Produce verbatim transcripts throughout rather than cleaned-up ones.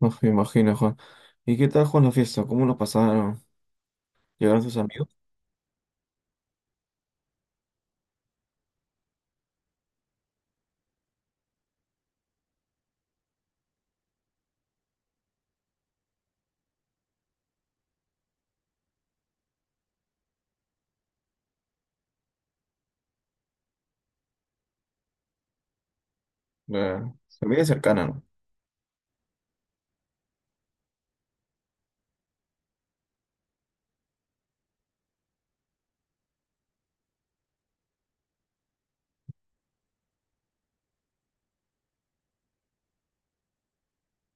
No me imagino, Juan. ¿Y qué tal, Juan, la fiesta? ¿Cómo lo pasaron? ¿Llegaron sus amigos? Eh, familia cercana, ¿no?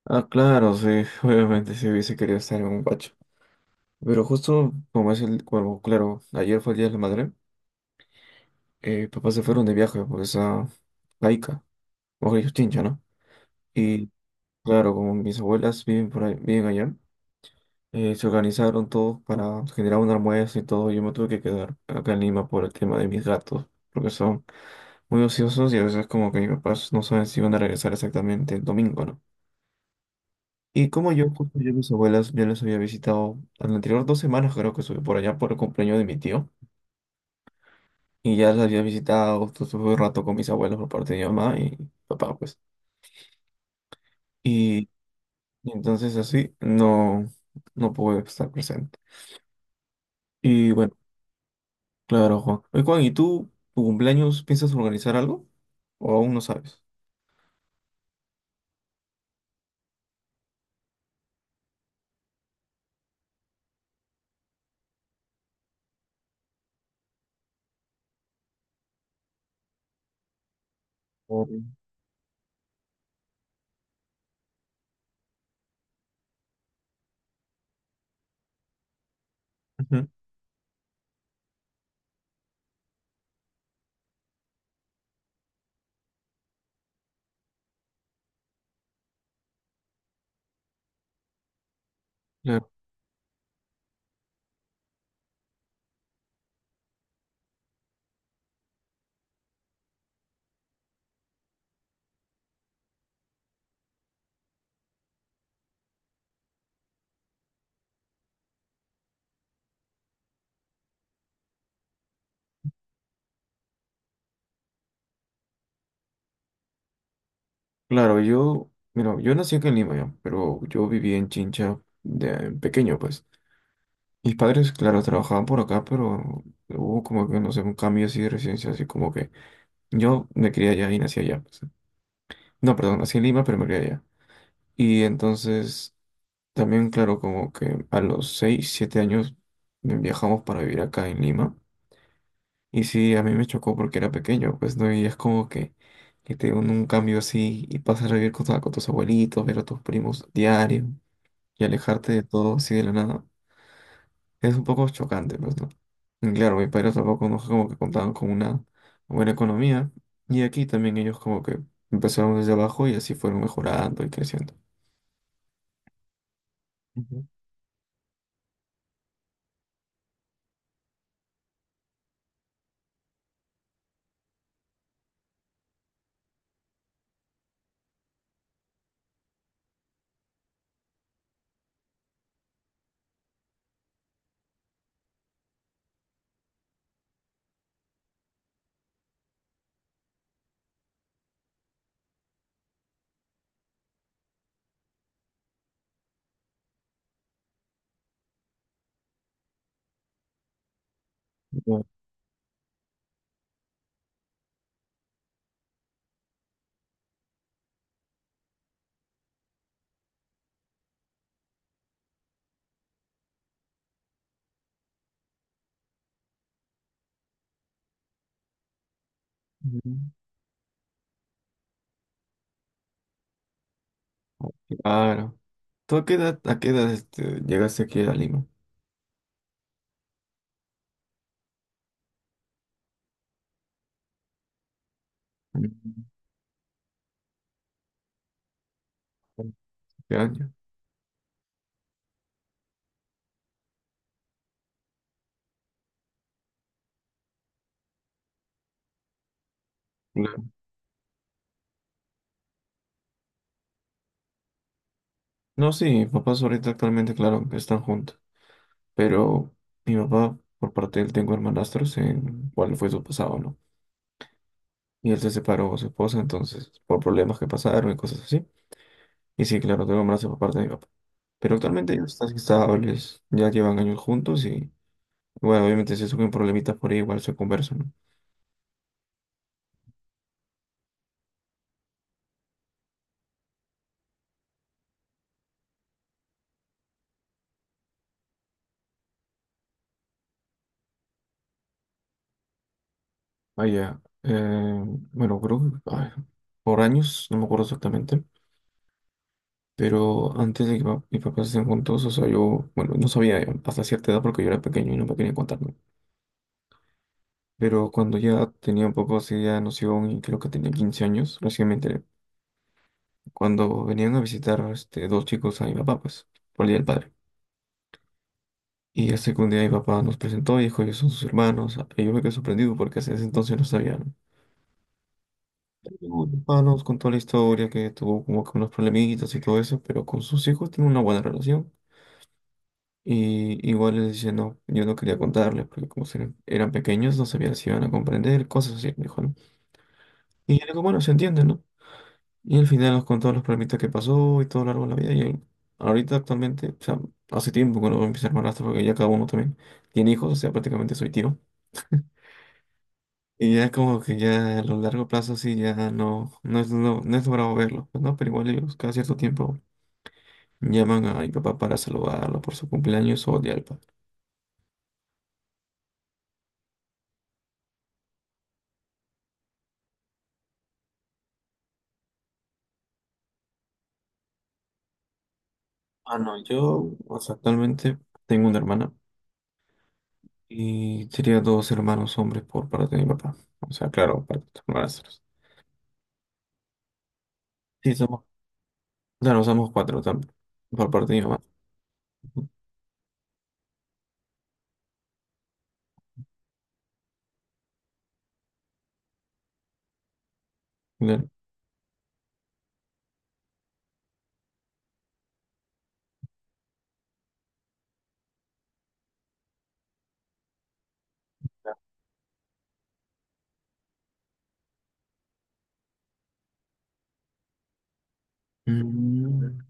Ah, claro, sí, obviamente si hubiese querido estar en un pacho. Pero justo como es el, bueno, claro, ayer fue el Día de la Madre, eh, papás se fueron de viaje por esa laica, o ellos Chincha, ¿no? Y claro, como mis abuelas viven por ahí, viven allá, eh, se organizaron todos para generar un almuerzo y todo. Yo me tuve que quedar acá en Lima por el tema de mis gatos, porque son muy ociosos y a veces como que mis papás no saben si van a regresar exactamente el domingo, ¿no? Y como yo, justo yo a mis abuelas ya las había visitado en anterior dos semanas, creo que estuve por allá por el cumpleaños de mi tío. Y ya las había visitado, justo estuve un rato con mis abuelos por parte de mi mamá y papá, pues. Y, y entonces así no, no pude estar presente. Y bueno, claro, Juan. Oye, Juan, ¿y tú, tu cumpleaños, piensas organizar algo? ¿O aún no sabes? Ujú. Claro, Claro, yo, mira, yo nací aquí en Lima ya, pero yo viví en Chincha de pequeño, pues. Mis padres, claro, trabajaban por acá, pero hubo como que, no sé, un cambio así de residencia, así como que yo me crié allá y nací allá, pues. No, perdón, nací en Lima, pero me crié allá. Y entonces, también, claro, como que a los seis siete años me viajamos para vivir acá en Lima. Y sí, a mí me chocó porque era pequeño, pues, ¿no? Y es como que, que te un, un cambio así y pasas a vivir con, tu- con tus abuelitos, ver a tus primos diario. Y alejarte de todo así de la nada es un poco chocante, pues, ¿no? Y claro, mis padres tampoco no es como que contaban con una buena economía y aquí también ellos como que empezaron desde abajo y así fueron mejorando y creciendo. Ujú. Ya. Ujú. Claro. ¿Tú a qué edad, a qué edad este, llegaste aquí a Lima? Mm. ¿Qué año? Claro. No, sí, mis papás ahorita actualmente, claro, están juntos, pero mi papá, por parte de él, tengo hermanastros en cuál fue su pasado, ¿no? Y él se separó con su esposa, entonces, por problemas que pasaron y cosas así. Y sí, claro, tengo un abrazo por parte de mi papá. Pero actualmente ellos están estables, ya llevan años juntos y, bueno, obviamente si surgen problemitas por ahí, igual se conversan, ¿no? Vaya, eh, bueno, creo que ay, por años, no me acuerdo exactamente, pero antes de que pa- mis papás estén juntos, o sea, yo, bueno, no sabía eh, hasta cierta edad porque yo era pequeño y no me quería contar, ¿no? Pero cuando ya tenía un poco así de noción y creo que tenía quince años, recién me enteré cuando venían a visitar este, dos chicos a mi papá, pues, por el Día del Padre. Y hace que un día mi papá nos presentó y dijo, ellos son sus hermanos. Ah, Y yo me quedé sorprendido porque hasta ese entonces no sabían. Mi papá nos contó la historia, que tuvo como que unos problemitas y todo eso, pero con sus hijos tiene una buena relación. Y igual les dice: no, yo no quería contarles, porque como se- eran pequeños, no sabía si iban a comprender, cosas así, me dijo, ¿no? Y yo le digo, bueno, se entiende, ¿no? Y al final nos contó los problemitas que pasó y todo lo largo de la vida. Y él, ahorita actualmente, o sea, hace tiempo que no empecé a hermanastro porque ya cada uno también tiene hijos, o sea, prácticamente soy tío. Y ya como que ya a lo largo plazo sí, ya no, no es, no, no es logrado verlo, pues, ¿no? Pero igual ellos cada cierto tiempo llaman a mi papá para saludarlo por su cumpleaños o día del padre. Ah, no, yo o sea, actualmente tengo una hermana y sería dos hermanos hombres por parte de mi papá. O sea, claro, para hermanastros. Sí, somos. Claro, usamos cuatro también. Por parte de mi mamá. Claro. Mm.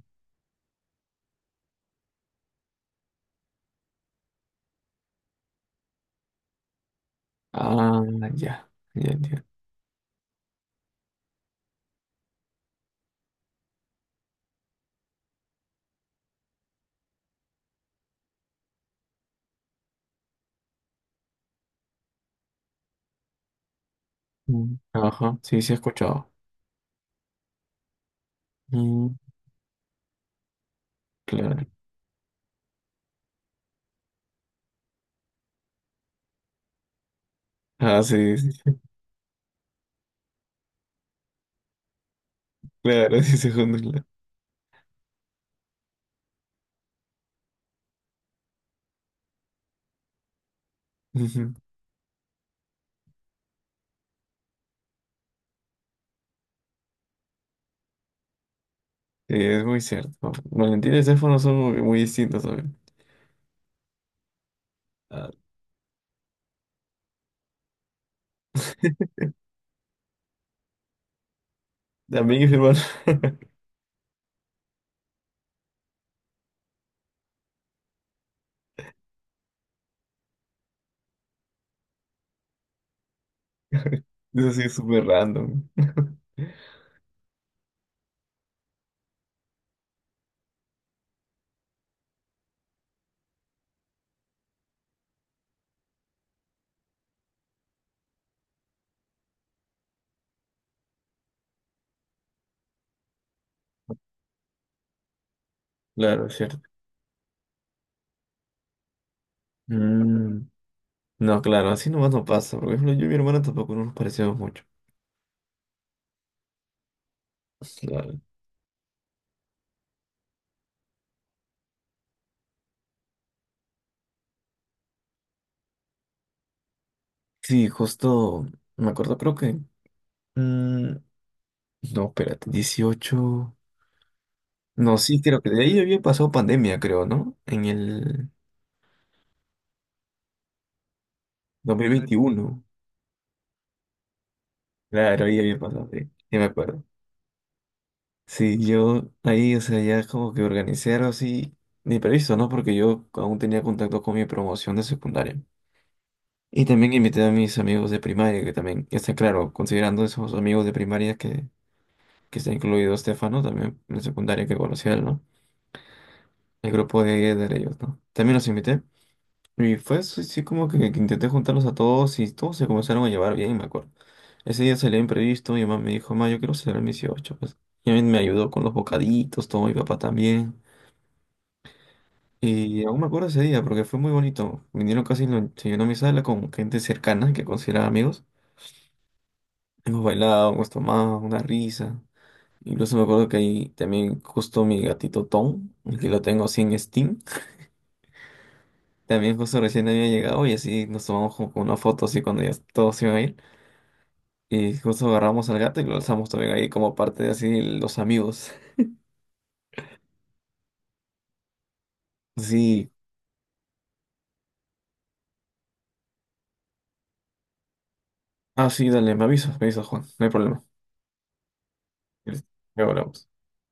Ah, ya. Ya, ya. Mm. Ajá. Sí, sí he escuchado. Mm. Claro. Ah, sí, sí. Claro, sí se claro. Ujú. Sí, es muy cierto. valentín y Sefo no son muy, muy distintos, también. Ah, también es hermano. Eso sí es súper random. Claro, es cierto. Mm. No, claro, así nomás no pasa. Por ejemplo, yo y mi hermana tampoco no nos parecemos mucho. Claro. Sí, justo me acuerdo, creo que. mm, no, espérate, dieciocho. No, sí, creo que de ahí había pasado pandemia, creo, ¿no? En el dos mil veintiuno. Claro, ahí había pasado, sí, sí me acuerdo. Sí, yo ahí, o sea, ya como que organicé algo así, ni previsto, ¿no? Porque yo aún tenía contacto con mi promoción de secundaria. Y también invité a mis amigos de primaria, que también, está claro, considerando esos amigos de primaria que, que está incluido Estefano, también en secundaria que conocía él, ¿no? el grupo de, de ellos, ¿no? También los invité. Y fue así, sí, como que, que intenté juntarlos a todos y todos se comenzaron a llevar bien, me acuerdo. Ese día salió imprevisto, mi mamá me dijo, ma, yo quiero celebrar mis dieciocho, pues. Y a mí me ayudó con los bocaditos, todo, mi papá también. Y aún me acuerdo ese día porque fue muy bonito. Vinieron casi, lo- se llenó mi sala con gente cercana que consideraba amigos. Hemos bailado, hemos tomado una risa. Incluso me acuerdo que ahí también justo mi gatito Tom, el que lo tengo así en Steam. También justo recién había llegado y así nos tomamos como una foto así cuando ya todos iban a ir. Y justo agarramos al gato y lo alzamos también ahí como parte de así los amigos. Sí. Ah, sí, dale, me avisas, me avisas, Juan. No hay problema. Luego hablamos.